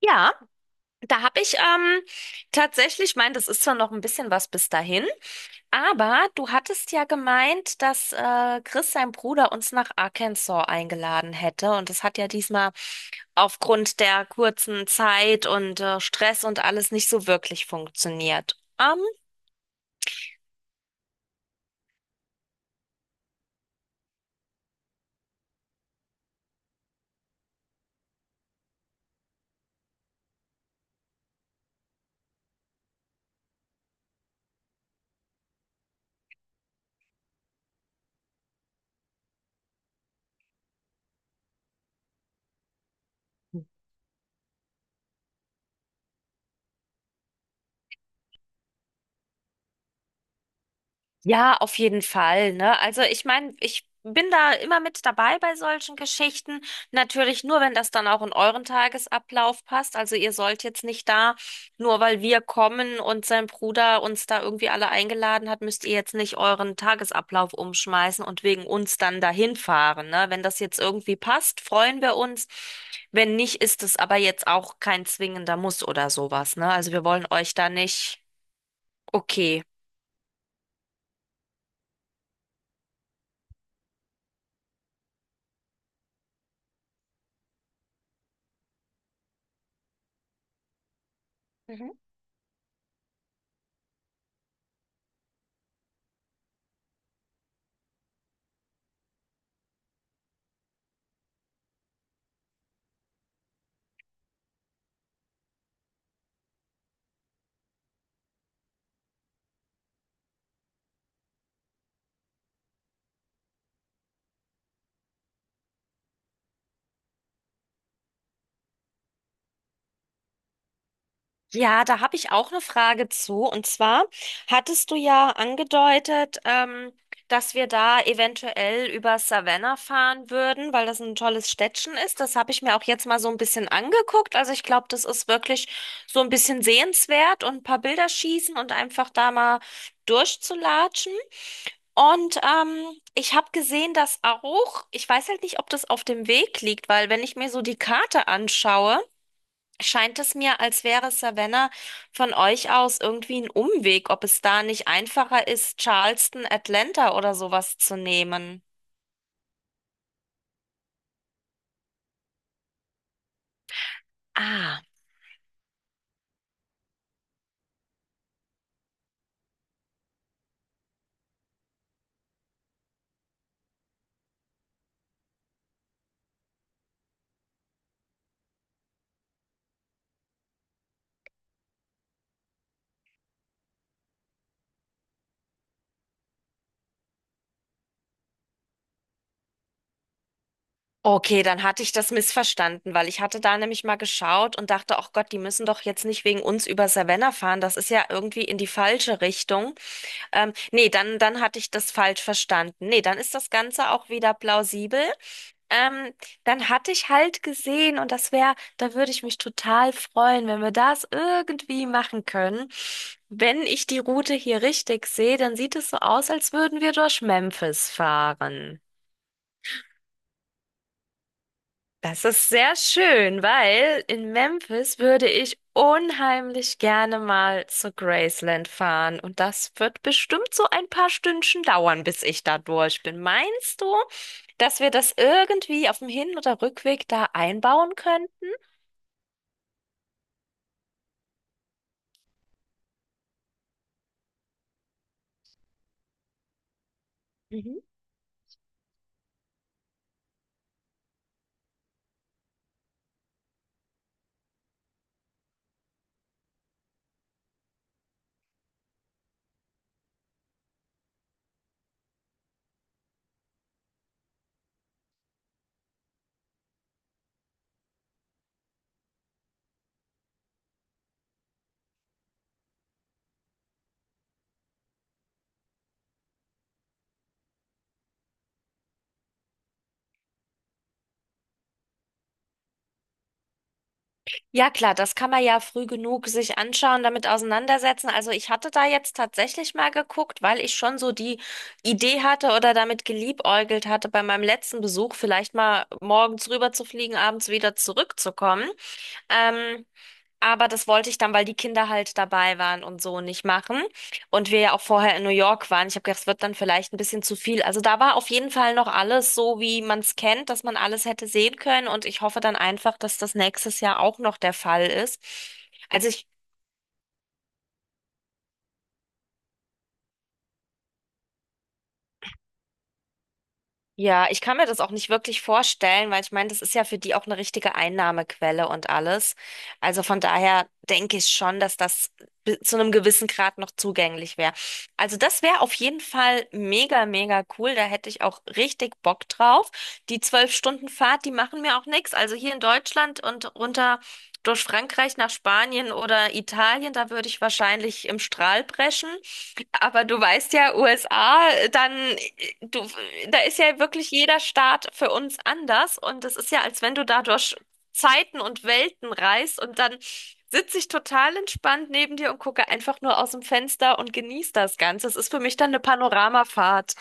Ja, da habe ich tatsächlich meint, das ist zwar noch ein bisschen was bis dahin, aber du hattest ja gemeint, dass Chris, sein Bruder, uns nach Arkansas eingeladen hätte. Und das hat ja diesmal aufgrund der kurzen Zeit und Stress und alles nicht so wirklich funktioniert. Ja, auf jeden Fall, ne? Also ich meine, ich bin da immer mit dabei bei solchen Geschichten. Natürlich nur, wenn das dann auch in euren Tagesablauf passt. Also ihr sollt jetzt nicht da, nur weil wir kommen und sein Bruder uns da irgendwie alle eingeladen hat, müsst ihr jetzt nicht euren Tagesablauf umschmeißen und wegen uns dann dahin fahren, ne? Wenn das jetzt irgendwie passt, freuen wir uns. Wenn nicht, ist es aber jetzt auch kein zwingender Muss oder sowas, ne? Also wir wollen euch da nicht, okay. Ja, da habe ich auch eine Frage zu. Und zwar hattest du ja angedeutet, dass wir da eventuell über Savannah fahren würden, weil das ein tolles Städtchen ist. Das habe ich mir auch jetzt mal so ein bisschen angeguckt. Also ich glaube, das ist wirklich so ein bisschen sehenswert und ein paar Bilder schießen und einfach da mal durchzulatschen. Und ich habe gesehen, dass auch, ich weiß halt nicht, ob das auf dem Weg liegt, weil wenn ich mir so die Karte anschaue, scheint es mir, als wäre Savannah von euch aus irgendwie ein Umweg, ob es da nicht einfacher ist, Charleston, Atlanta oder sowas zu nehmen. Ah. Okay, dann hatte ich das missverstanden, weil ich hatte da nämlich mal geschaut und dachte, ach Gott, die müssen doch jetzt nicht wegen uns über Savannah fahren. Das ist ja irgendwie in die falsche Richtung. Nee, dann hatte ich das falsch verstanden. Nee, dann ist das Ganze auch wieder plausibel. Ähm, dann hatte ich halt gesehen und das wäre, da würde ich mich total freuen, wenn wir das irgendwie machen können. Wenn ich die Route hier richtig sehe, dann sieht es so aus, als würden wir durch Memphis fahren. Das ist sehr schön, weil in Memphis würde ich unheimlich gerne mal zu Graceland fahren. Und das wird bestimmt so ein paar Stündchen dauern, bis ich da durch bin. Meinst du, dass wir das irgendwie auf dem Hin- oder Rückweg da einbauen könnten? Ja, klar, das kann man ja früh genug sich anschauen, damit auseinandersetzen. Also ich hatte da jetzt tatsächlich mal geguckt, weil ich schon so die Idee hatte oder damit geliebäugelt hatte, bei meinem letzten Besuch vielleicht mal morgens rüber zu fliegen, abends wieder zurückzukommen. Ähm, aber das wollte ich dann, weil die Kinder halt dabei waren und so nicht machen. Und wir ja auch vorher in New York waren. Ich habe gedacht, es wird dann vielleicht ein bisschen zu viel. Also da war auf jeden Fall noch alles so, wie man es kennt, dass man alles hätte sehen können. Und ich hoffe dann einfach, dass das nächstes Jahr auch noch der Fall ist. Also ich Ja, ich kann mir das auch nicht wirklich vorstellen, weil ich meine, das ist ja für die auch eine richtige Einnahmequelle und alles. Also von daher denke ich schon, dass das zu einem gewissen Grad noch zugänglich wäre. Also das wäre auf jeden Fall mega, mega cool. Da hätte ich auch richtig Bock drauf. Die 12 Stunden Fahrt, die machen mir auch nichts. Also hier in Deutschland und runter durch Frankreich nach Spanien oder Italien, da würde ich wahrscheinlich im Strahl brechen. Aber du weißt ja, USA, dann, du, da ist ja wirklich jeder Staat für uns anders und es ist ja, als wenn du da durch Zeiten und Welten reist und dann sitze ich total entspannt neben dir und gucke einfach nur aus dem Fenster und genieße das Ganze. Es ist für mich dann eine Panoramafahrt.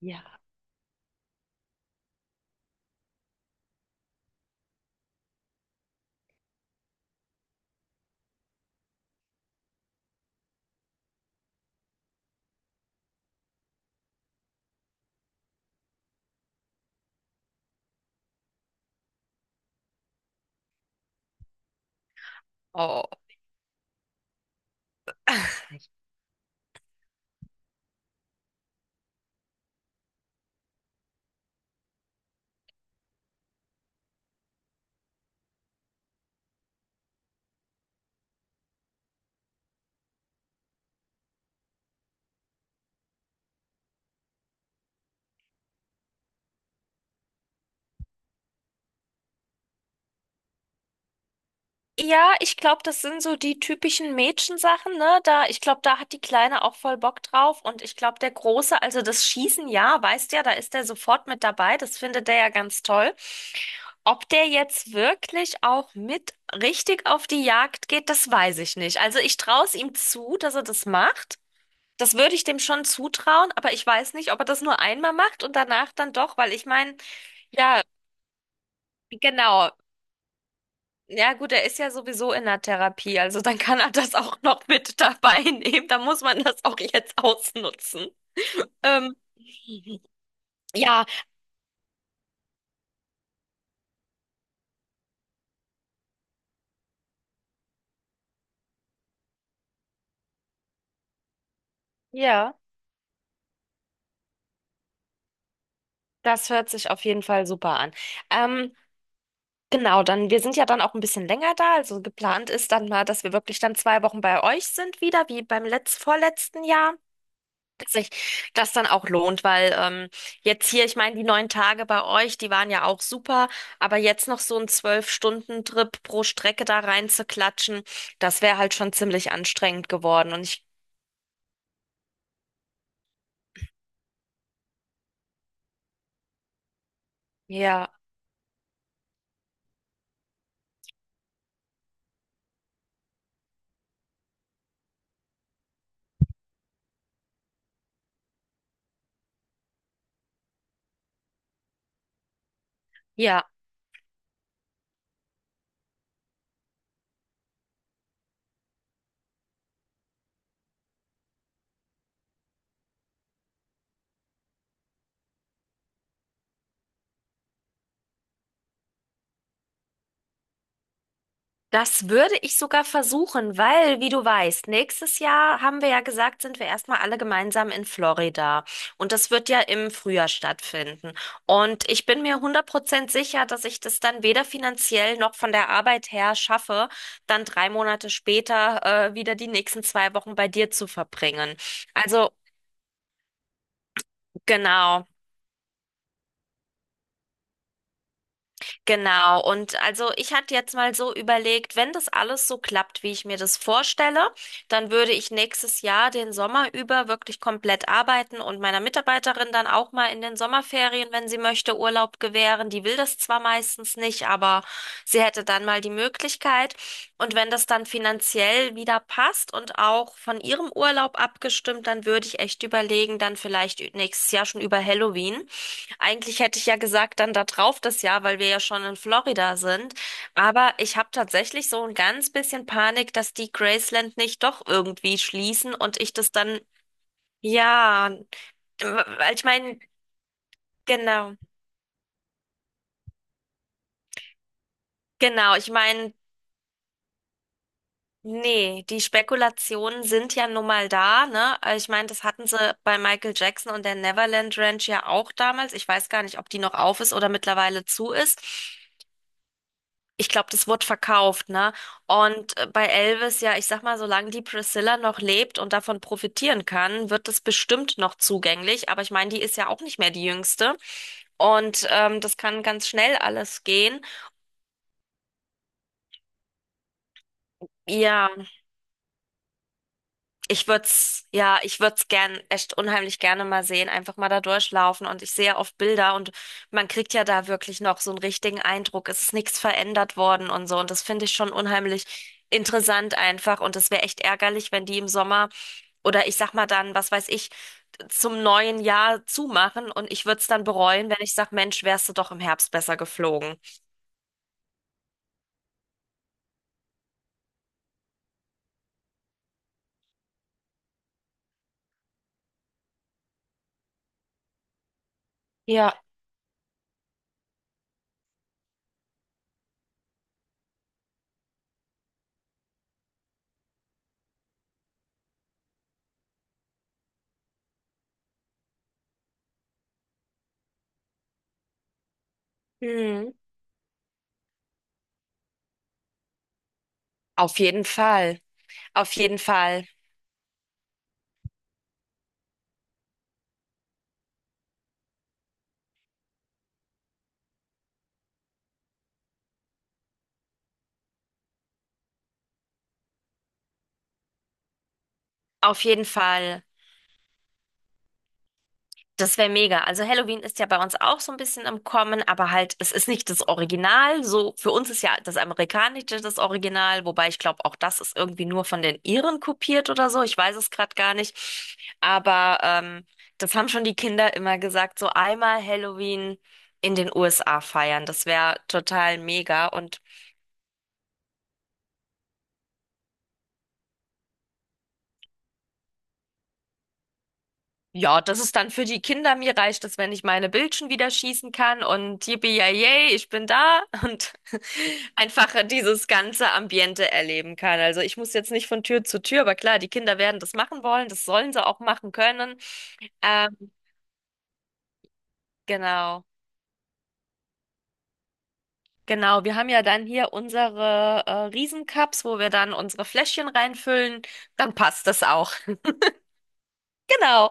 Ja. Oh. Ja, ich glaube, das sind so die typischen Mädchensachen, ne? Da, ich glaube, da hat die Kleine auch voll Bock drauf. Und ich glaube, der Große, also das Schießen, ja, weißt ja, da ist der sofort mit dabei. Das findet der ja ganz toll. Ob der jetzt wirklich auch mit richtig auf die Jagd geht, das weiß ich nicht. Also ich traue es ihm zu, dass er das macht. Das würde ich dem schon zutrauen, aber ich weiß nicht, ob er das nur einmal macht und danach dann doch, weil ich meine, ja, genau. Ja, gut, er ist ja sowieso in der Therapie, also dann kann er das auch noch mit dabei nehmen. Da muss man das auch jetzt ausnutzen. Ähm, ja, ja, das hört sich auf jeden Fall super an. Ähm, genau, dann, wir sind ja dann auch ein bisschen länger da. Also geplant ist dann mal, dass wir wirklich dann 2 Wochen bei euch sind wieder, wie beim letz vorletzten Jahr. Sich das dann auch lohnt, weil jetzt hier, ich meine, die 9 Tage bei euch, die waren ja auch super, aber jetzt noch so ein 12-Stunden-Trip pro Strecke da rein zu klatschen, das wäre halt schon ziemlich anstrengend geworden. Und ich, ja, ja. Das würde ich sogar versuchen, weil, wie du weißt, nächstes Jahr haben wir ja gesagt, sind wir erstmal alle gemeinsam in Florida. Und das wird ja im Frühjahr stattfinden. Und ich bin mir 100% sicher, dass ich das dann weder finanziell noch von der Arbeit her schaffe, dann 3 Monate später, wieder die nächsten 2 Wochen bei dir zu verbringen. Also, genau. Genau, und also ich hatte jetzt mal so überlegt, wenn das alles so klappt, wie ich mir das vorstelle, dann würde ich nächstes Jahr den Sommer über wirklich komplett arbeiten und meiner Mitarbeiterin dann auch mal in den Sommerferien, wenn sie möchte, Urlaub gewähren. Die will das zwar meistens nicht, aber sie hätte dann mal die Möglichkeit. Und wenn das dann finanziell wieder passt und auch von ihrem Urlaub abgestimmt, dann würde ich echt überlegen, dann vielleicht nächstes Jahr schon über Halloween. Eigentlich hätte ich ja gesagt, dann da drauf das Jahr, weil wir ja schon in Florida sind. Aber ich habe tatsächlich so ein ganz bisschen Panik, dass die Graceland nicht doch irgendwie schließen und ich das dann, ja, weil ich meine, genau, genau, ich meine, nee, die Spekulationen sind ja nun mal da, ne? Also ich meine, das hatten sie bei Michael Jackson und der Neverland Ranch ja auch damals. Ich weiß gar nicht, ob die noch auf ist oder mittlerweile zu ist. Ich glaube, das wird verkauft, ne? Und bei Elvis, ja, ich sag mal, solange die Priscilla noch lebt und davon profitieren kann, wird das bestimmt noch zugänglich. Aber ich meine, die ist ja auch nicht mehr die Jüngste. Und das kann ganz schnell alles gehen. Ja, ich würd's, ja, ich würd's gern, echt unheimlich gerne mal sehen, einfach mal da durchlaufen. Und ich sehe ja oft Bilder und man kriegt ja da wirklich noch so einen richtigen Eindruck. Es ist nichts verändert worden und so. Und das finde ich schon unheimlich interessant einfach. Und es wäre echt ärgerlich, wenn die im Sommer oder ich sag mal dann, was weiß ich, zum neuen Jahr zumachen. Und ich würd's dann bereuen, wenn ich sag, Mensch, wärst du doch im Herbst besser geflogen. Ja. Mhm. Auf jeden Fall. Auf jeden Fall. Auf jeden Fall. Das wäre mega. Also Halloween ist ja bei uns auch so ein bisschen im Kommen, aber halt, es ist nicht das Original. So, für uns ist ja das Amerikanische das Original, wobei ich glaube, auch das ist irgendwie nur von den Iren kopiert oder so. Ich weiß es gerade gar nicht. Aber das haben schon die Kinder immer gesagt, so einmal Halloween in den USA feiern. Das wäre total mega. Und ja, das ist dann für die Kinder. Mir reicht es, wenn ich meine Bildchen wieder schießen kann und yippie yay, ich bin da und einfach dieses ganze Ambiente erleben kann. Also ich muss jetzt nicht von Tür zu Tür, aber klar, die Kinder werden das machen wollen, das sollen sie auch machen können. Ähm, genau. Genau, wir haben ja dann hier unsere Riesencups, wo wir dann unsere Fläschchen reinfüllen. Dann passt das auch. Genau.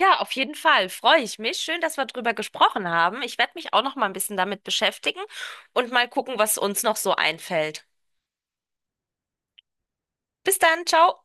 Ja, auf jeden Fall. Freue ich mich. Schön, dass wir drüber gesprochen haben. Ich werde mich auch noch mal ein bisschen damit beschäftigen und mal gucken, was uns noch so einfällt. Bis dann, ciao.